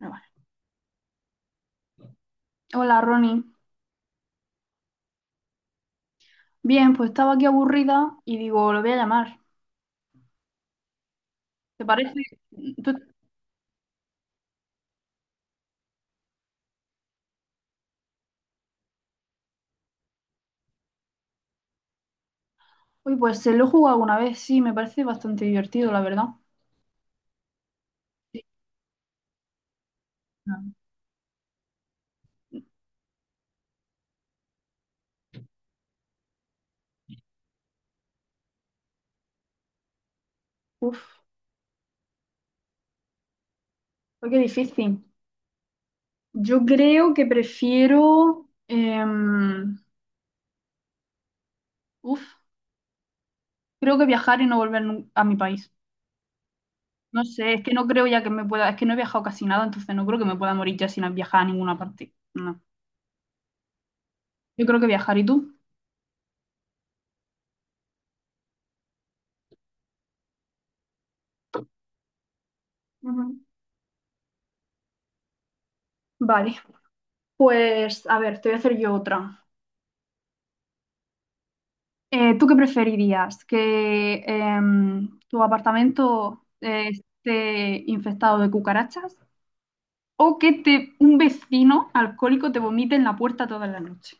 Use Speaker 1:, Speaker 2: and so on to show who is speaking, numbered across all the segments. Speaker 1: No, vale. Hola, Ronnie. Bien, pues estaba aquí aburrida y digo, lo voy a llamar. ¿Te parece? Tú- Uy, pues se lo he jugado alguna vez, sí, me parece bastante divertido, la verdad. Sí. Ah. Uf, uy, qué difícil. Yo creo que prefiero, uf, creo que viajar y no a mi país. No sé, es que no creo ya que me pueda, es que no he viajado casi nada, entonces no creo que me pueda morir ya sin viajar a ninguna parte. No, yo creo que viajar. ¿Y tú? Ujú. Vale, pues a ver, te voy a hacer yo otra. ¿Tú qué preferirías? ¿Que tu apartamento esté infectado de cucarachas o que te, un vecino alcohólico te vomite en la puerta toda la noche?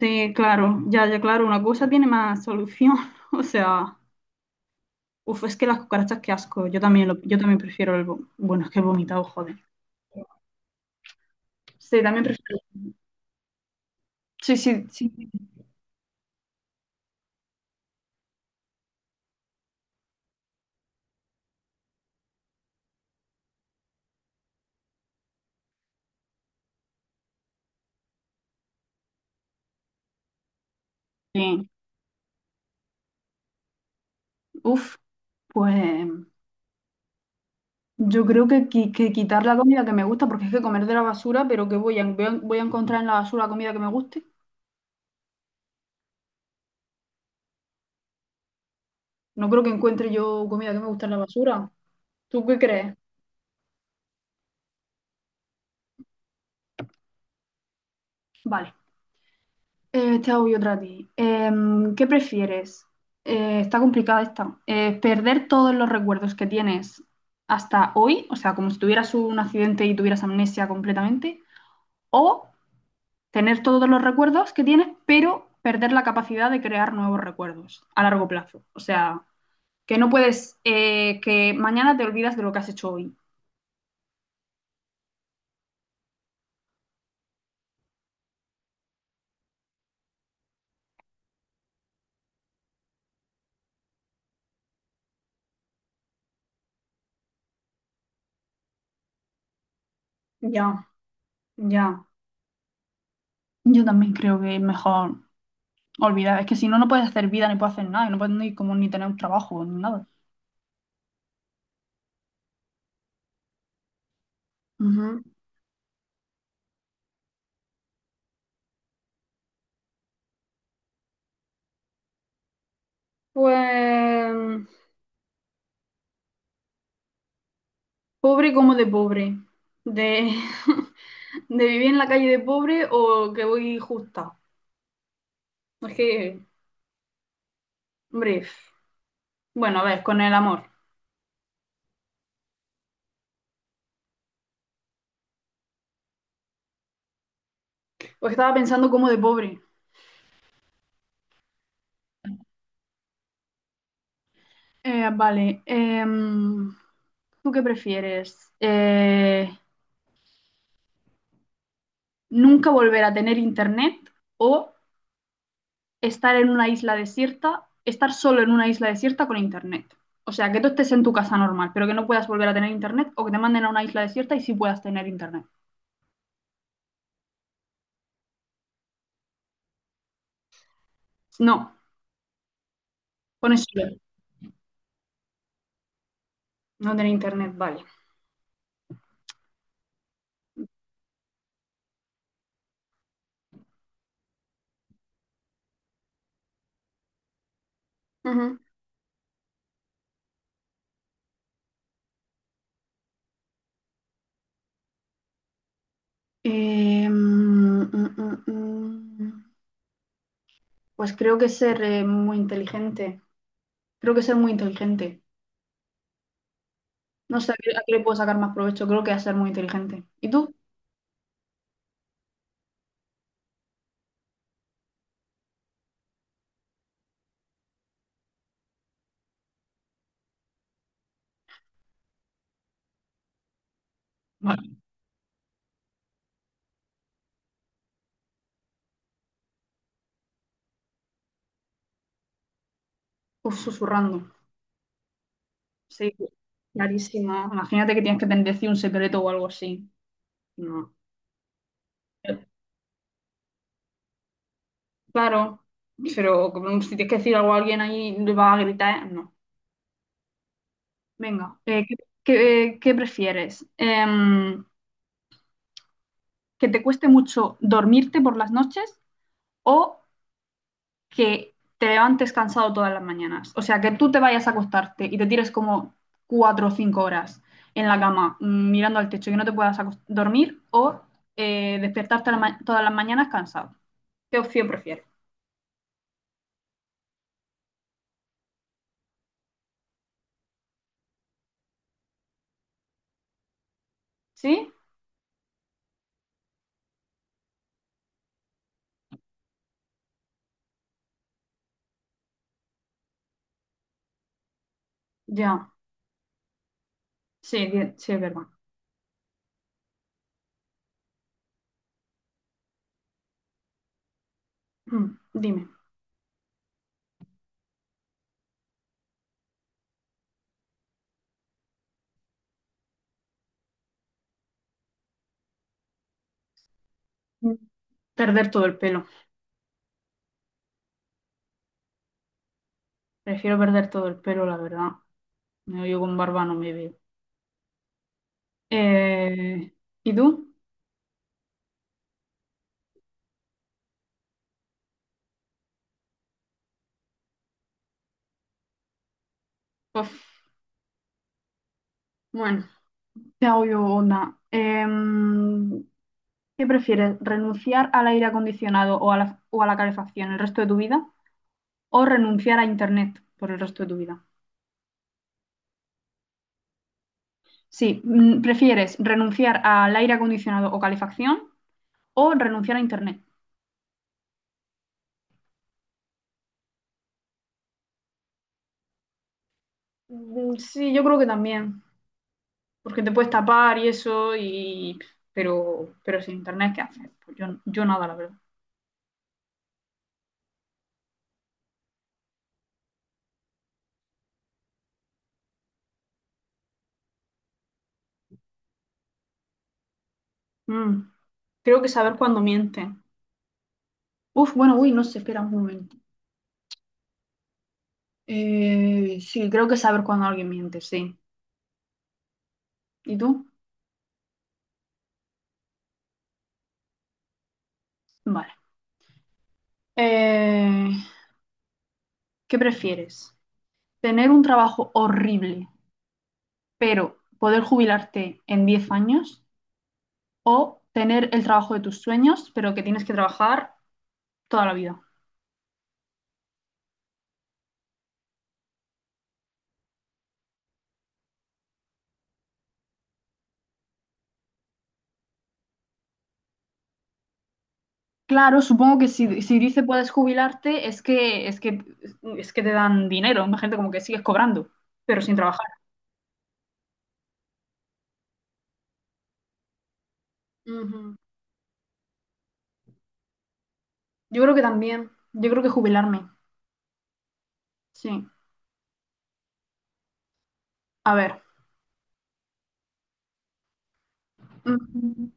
Speaker 1: Sí, claro, ya, ya, claro, una cosa tiene más solución. O sea, uf, es que las cucarachas, qué asco. Yo también, yo también prefiero Bueno, es que he vomitado, joder. Sí, también prefiero. Sí, sí, sí. Sí. Uf, pues... Yo creo que, que quitar la comida que me gusta, porque es que comer de la basura, pero que voy a encontrar en la basura comida que me guste. No creo que encuentre yo comida que me guste en la basura. ¿Tú qué crees? Vale, te hago yo otra a ti. Em, ¿qué prefieres? Está complicada esta. ¿Perder todos los recuerdos que tienes hasta hoy? O sea, como si tuvieras un accidente y tuvieras amnesia completamente. ¿O tener todos los recuerdos que tienes, pero perder la capacidad de crear nuevos recuerdos a largo plazo? O sea... que no puedes, que mañana te olvidas de lo que has hecho hoy. Ya, ya. Yo también creo que es mejor olvidar. Es que si no, no puedes hacer vida ni puedes hacer nada. Y no puedes ni, como, ni tener un trabajo ni nada. Ujú. Pues pobre como de pobre. De, de vivir en la calle de pobre o que voy justa. Es que, hombre, bueno, a ver, con el amor. Pues estaba pensando como de pobre. Vale. Em, ¿tú qué prefieres? ¿Nunca volver a tener internet o estar en una isla desierta, estar solo en una isla desierta con internet? O sea, que tú estés en tu casa normal, pero que no puedas volver a tener internet o que te manden a una isla desierta y sí puedas tener internet. No, pones solo, no tener internet, vale. Ujú. Eh, mm, mm, mm, mm. Pues creo que ser muy inteligente. Creo que ser muy inteligente. No sé a qué le puedo sacar más provecho. Creo que a ser muy inteligente. ¿Y tú? Vale. Uf, susurrando. Sí, clarísimo. Imagínate que tienes que tener decir un secreto o algo así. No. Claro, pero como si tienes que decir algo a alguien ahí, le vas a gritar, ¿eh? No. Venga, ¿qué prefieres? ¿Que te cueste mucho dormirte por las noches o que te levantes cansado todas las mañanas? O sea, que tú te vayas a acostarte y te tires como cuatro o cinco horas en la cama mirando al techo y que no te puedas dormir o despertarte a todas las mañanas cansado. ¿Qué opción prefieres? ¿Sí? Ya. Sí, sí, es verdad. Dime. Mm. Perder todo el pelo. Prefiero perder todo el pelo, la verdad. No, yo con barba no me veo. Eh, ¿Y tú? Pues, bueno, te hago yo una. Em, ¿qué prefieres? ¿Renunciar al aire acondicionado o a o a la calefacción el resto de tu vida? ¿O renunciar a internet por el resto de tu vida? Sí, mm, ¿prefieres renunciar al aire acondicionado o calefacción o renunciar a internet? Mm. Sí, yo creo que también, porque te puedes tapar y eso, y pero sin internet, ¿qué haces? Pues yo nada, la verdad. Mm. Creo que saber cuándo mienten. Uf, bueno, uy, no sé, espera un momento. Sí, creo que saber cuándo alguien miente, sí. ¿Y tú? Vale. Eh, ¿Qué prefieres? ¿Tener un trabajo horrible, pero poder jubilarte en 10 años? ¿O tener el trabajo de tus sueños, pero que tienes que trabajar toda la vida? Claro, supongo que si dice puedes jubilarte, es que te dan dinero, imagínate como que sigues cobrando, pero sin trabajar. Ujú. Yo creo que también. Yo creo que jubilarme. Sí. A ver. Ujú.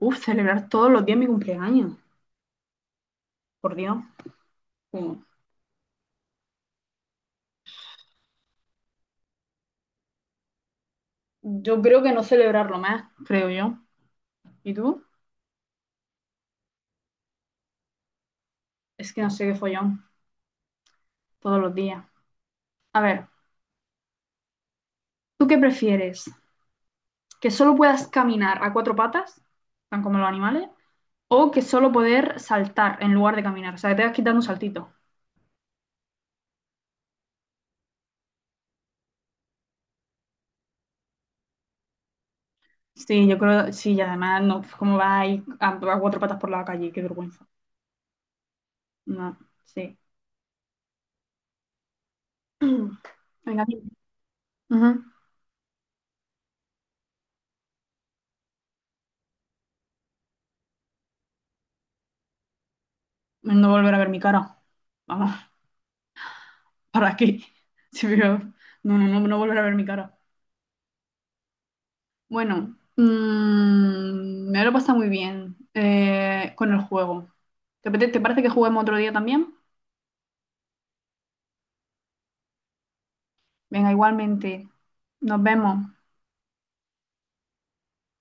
Speaker 1: Uf, celebrar todos los días mi cumpleaños. Por Dios. Sí. Yo creo que no celebrarlo más, creo yo. ¿Y tú? Es que no sé qué follón. Todos los días. A ver, ¿tú qué prefieres? ¿Que solo puedas caminar a cuatro patas, tan como los animales? O que solo poder saltar en lugar de caminar. O sea, que te vas quitando un saltito. Sí, yo creo, sí, y además, no, ¿cómo va ahí a cuatro patas por la calle? Qué vergüenza. No, sí. Venga, aquí. Ujú. No volver a ver mi cara. Vamos, ¿para qué? Sí, pero no, no, no, no volver a ver mi cara. Bueno, mm, me lo he pasado muy bien con el juego. ¿Te, te parece que juguemos otro día también? Venga, igualmente. Nos vemos.